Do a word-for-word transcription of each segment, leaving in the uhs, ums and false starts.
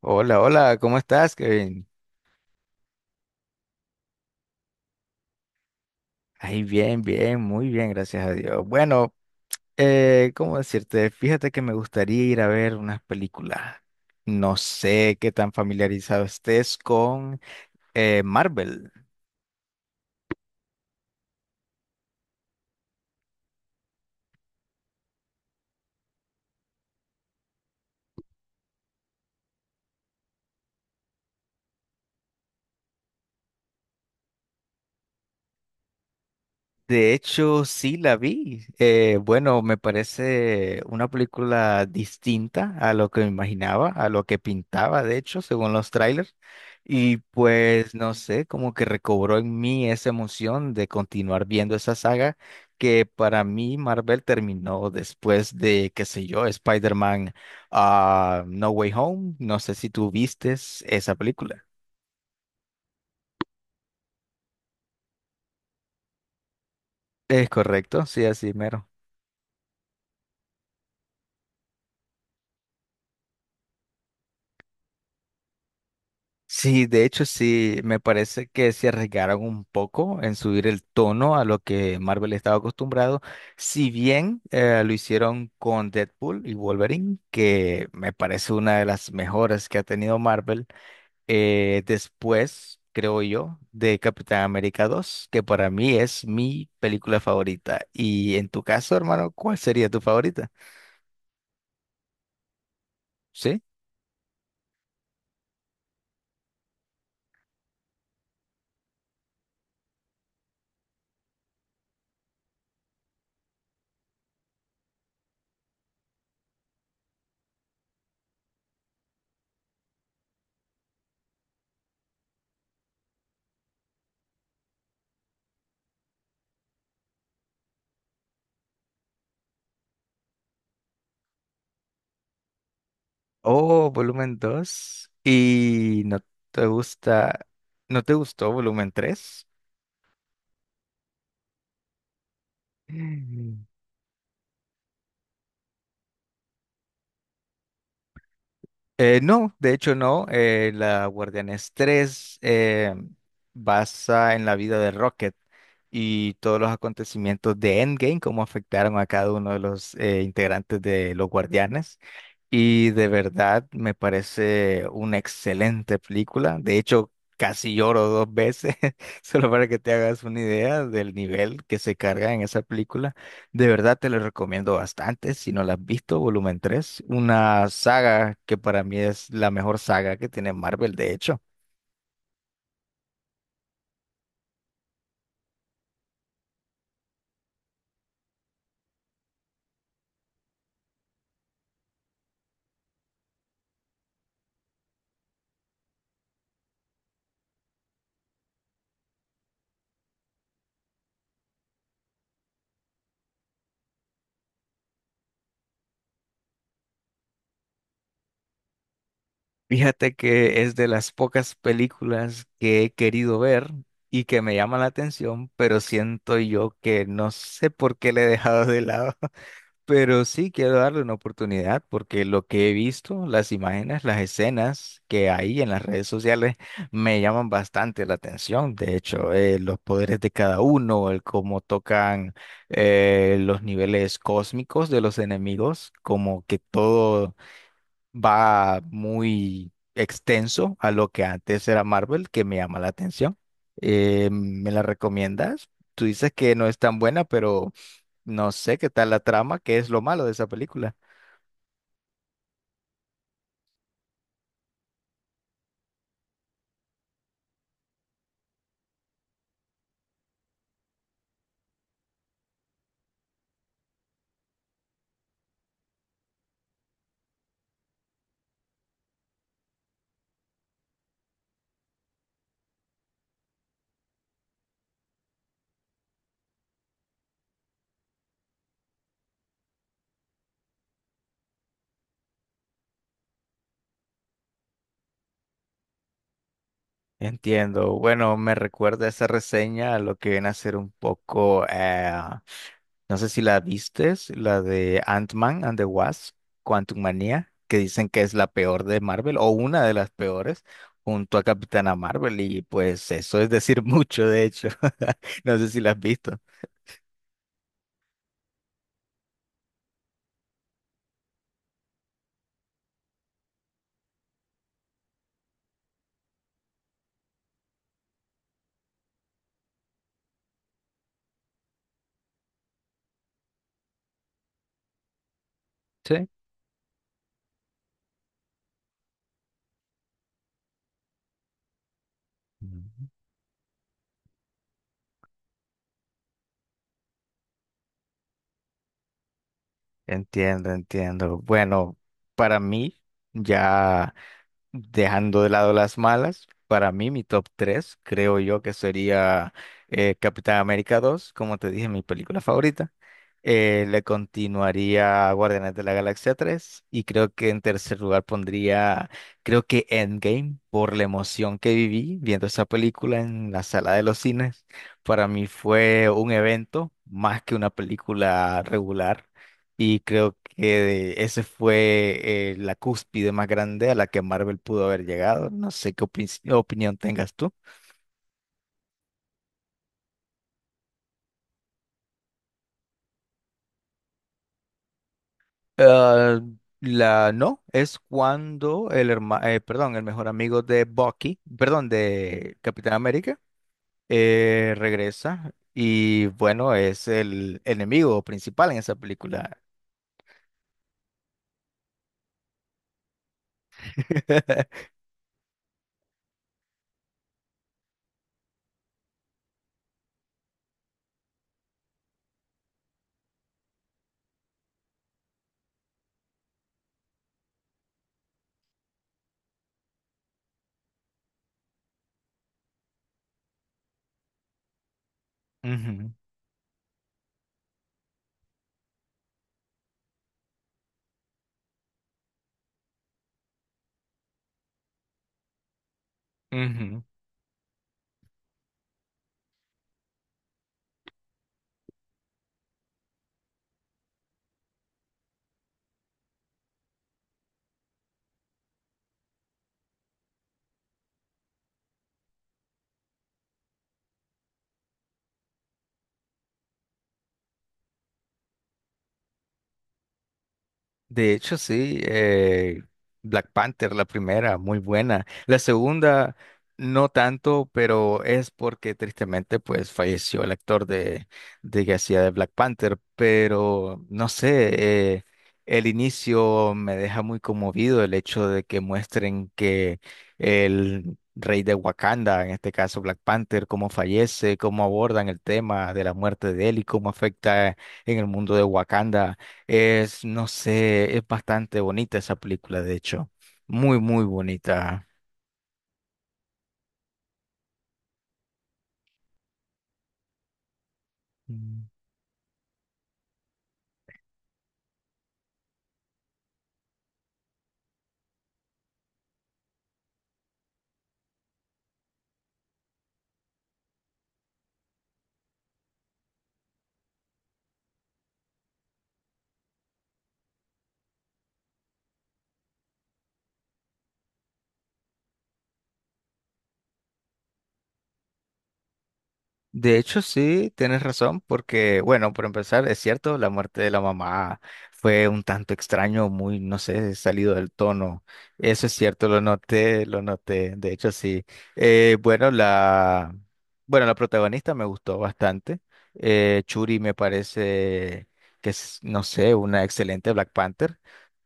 Hola, hola, ¿cómo estás, Kevin? Ay, bien, bien, muy bien, gracias a Dios. Bueno, eh, ¿cómo decirte? Fíjate que me gustaría ir a ver unas películas. No sé qué tan familiarizado estés con eh, Marvel. De hecho, sí la vi. Eh, bueno, me parece una película distinta a lo que me imaginaba, a lo que pintaba, de hecho, según los trailers. Y pues, no sé, como que recobró en mí esa emoción de continuar viendo esa saga que para mí Marvel terminó después de, qué sé yo, Spider-Man, ah, No Way Home. No sé si tú vistes esa película. Es correcto, sí, así mero. Sí, de hecho sí, me parece que se arriesgaron un poco en subir el tono a lo que Marvel estaba acostumbrado, si bien eh, lo hicieron con Deadpool y Wolverine, que me parece una de las mejores que ha tenido Marvel, eh, después, creo yo, de Capitán América dos, que para mí es mi película favorita. Y en tu caso, hermano, ¿cuál sería tu favorita? ¿Sí? Oh, volumen dos. ¿Y no te gusta, no te gustó volumen tres? Eh, no, de hecho no. Eh, la Guardianes tres eh, basa en la vida de Rocket y todos los acontecimientos de Endgame, cómo afectaron a cada uno de los eh, integrantes de los Guardianes. Y de verdad me parece una excelente película. De hecho, casi lloro dos veces, solo para que te hagas una idea del nivel que se carga en esa película. De verdad te lo recomiendo bastante. Si no la has visto, volumen tres, una saga que para mí es la mejor saga que tiene Marvel, de hecho. Fíjate que es de las pocas películas que he querido ver y que me llaman la atención, pero siento yo que no sé por qué le he dejado de lado. Pero sí quiero darle una oportunidad porque lo que he visto, las imágenes, las escenas que hay en las redes sociales me llaman bastante la atención. De hecho, eh, los poderes de cada uno, el cómo tocan eh, los niveles cósmicos de los enemigos, como que todo va muy extenso a lo que antes era Marvel, que me llama la atención. Eh, ¿me la recomiendas? Tú dices que no es tan buena, pero... No sé qué tal la trama, qué es lo malo de esa película. Entiendo. Bueno, me recuerda esa reseña a lo que viene a ser un poco, eh, no sé si la vistes, la de Ant-Man and the Wasp, Quantum Manía, que dicen que es la peor de Marvel o una de las peores, junto a Capitana Marvel. Y pues eso es decir mucho, de hecho. No sé si la has visto. Sí. Ujú. Entiendo, entiendo. Bueno, para mí ya. Dejando de lado las malas, para mí mi top tres creo yo que sería eh, Capitán América dos, como te dije, mi película favorita. Eh, le continuaría Guardianes de la Galaxia tres y creo que en tercer lugar pondría, creo que Endgame, por la emoción que viví viendo esa película en la sala de los cines. Para mí fue un evento más que una película regular. Y creo que ese fue eh, la cúspide más grande a la que Marvel pudo haber llegado. No sé qué opin- opinión tengas tú. Ah, la no, es cuando el hermano, perdón, el mejor amigo de Bucky, perdón, de Capitán América, eh, regresa y bueno, es el enemigo principal en esa película. Ujú, ujú. De hecho, sí, eh, Black Panther, la primera, muy buena. La segunda, no tanto, pero es porque tristemente, pues, falleció el actor de, de que hacía de Black Panther. Pero, no sé, eh, el inicio me deja muy conmovido el hecho de que muestren que el rey de Wakanda, en este caso Black Panther, cómo fallece, cómo abordan el tema de la muerte de él y cómo afecta en el mundo de Wakanda es, no sé, es bastante bonita esa película, de hecho. Muy, muy bonita. Mm. De hecho, sí, tienes razón, porque, bueno, por empezar, es cierto, la muerte de la mamá fue un tanto extraño, muy, no sé, salido del tono. Eso es cierto, lo noté, lo noté. De hecho, sí. Eh, bueno, la, bueno, la protagonista me gustó bastante. Eh, Churi me parece que es, no sé, una excelente Black Panther.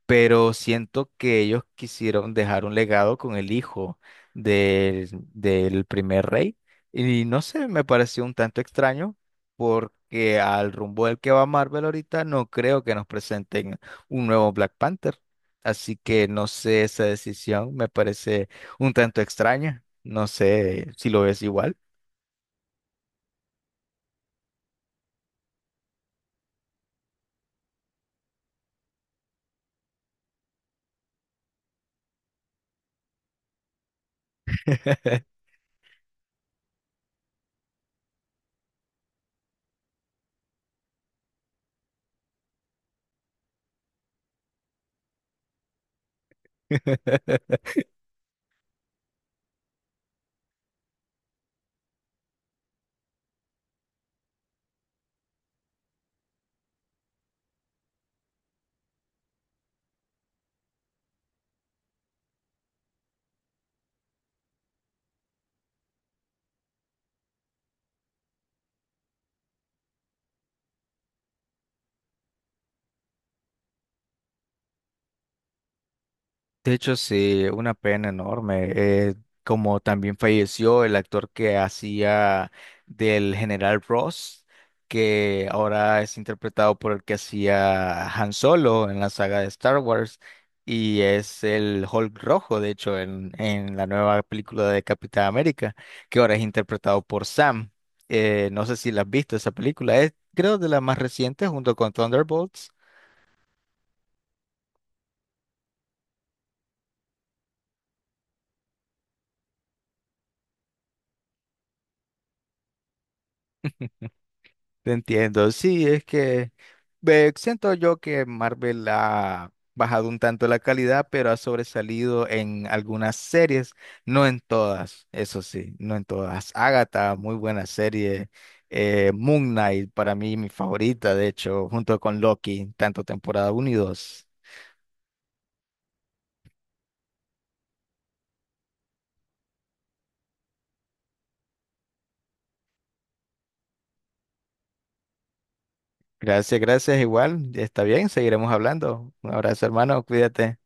Pero siento que ellos quisieron dejar un legado con el hijo del, del primer rey y no sé, me pareció un tanto extraño porque al rumbo del que va Marvel ahorita no creo que nos presenten un nuevo Black Panther, así que no sé, esa decisión me parece un tanto extraña, no sé si lo ves igual. De hecho, sí, una pena enorme. Eh, como también falleció el actor que hacía del general Ross, que ahora es interpretado por el que hacía Han Solo en la saga de Star Wars, y es el Hulk rojo, de hecho, en, en la nueva película de Capitán América, que ahora es interpretado por Sam. Eh, no sé si la has visto esa película, es creo de las más recientes junto con Thunderbolts. Te entiendo, sí, es que ve, siento yo que Marvel ha bajado un tanto la calidad, pero ha sobresalido en algunas series, no en todas, eso sí, no en todas. Agatha, muy buena serie. eh, Moon Knight, para mí mi favorita, de hecho, junto con Loki, tanto temporada uno y dos. Gracias, gracias, igual, está bien, seguiremos hablando. Un abrazo, hermano, cuídate.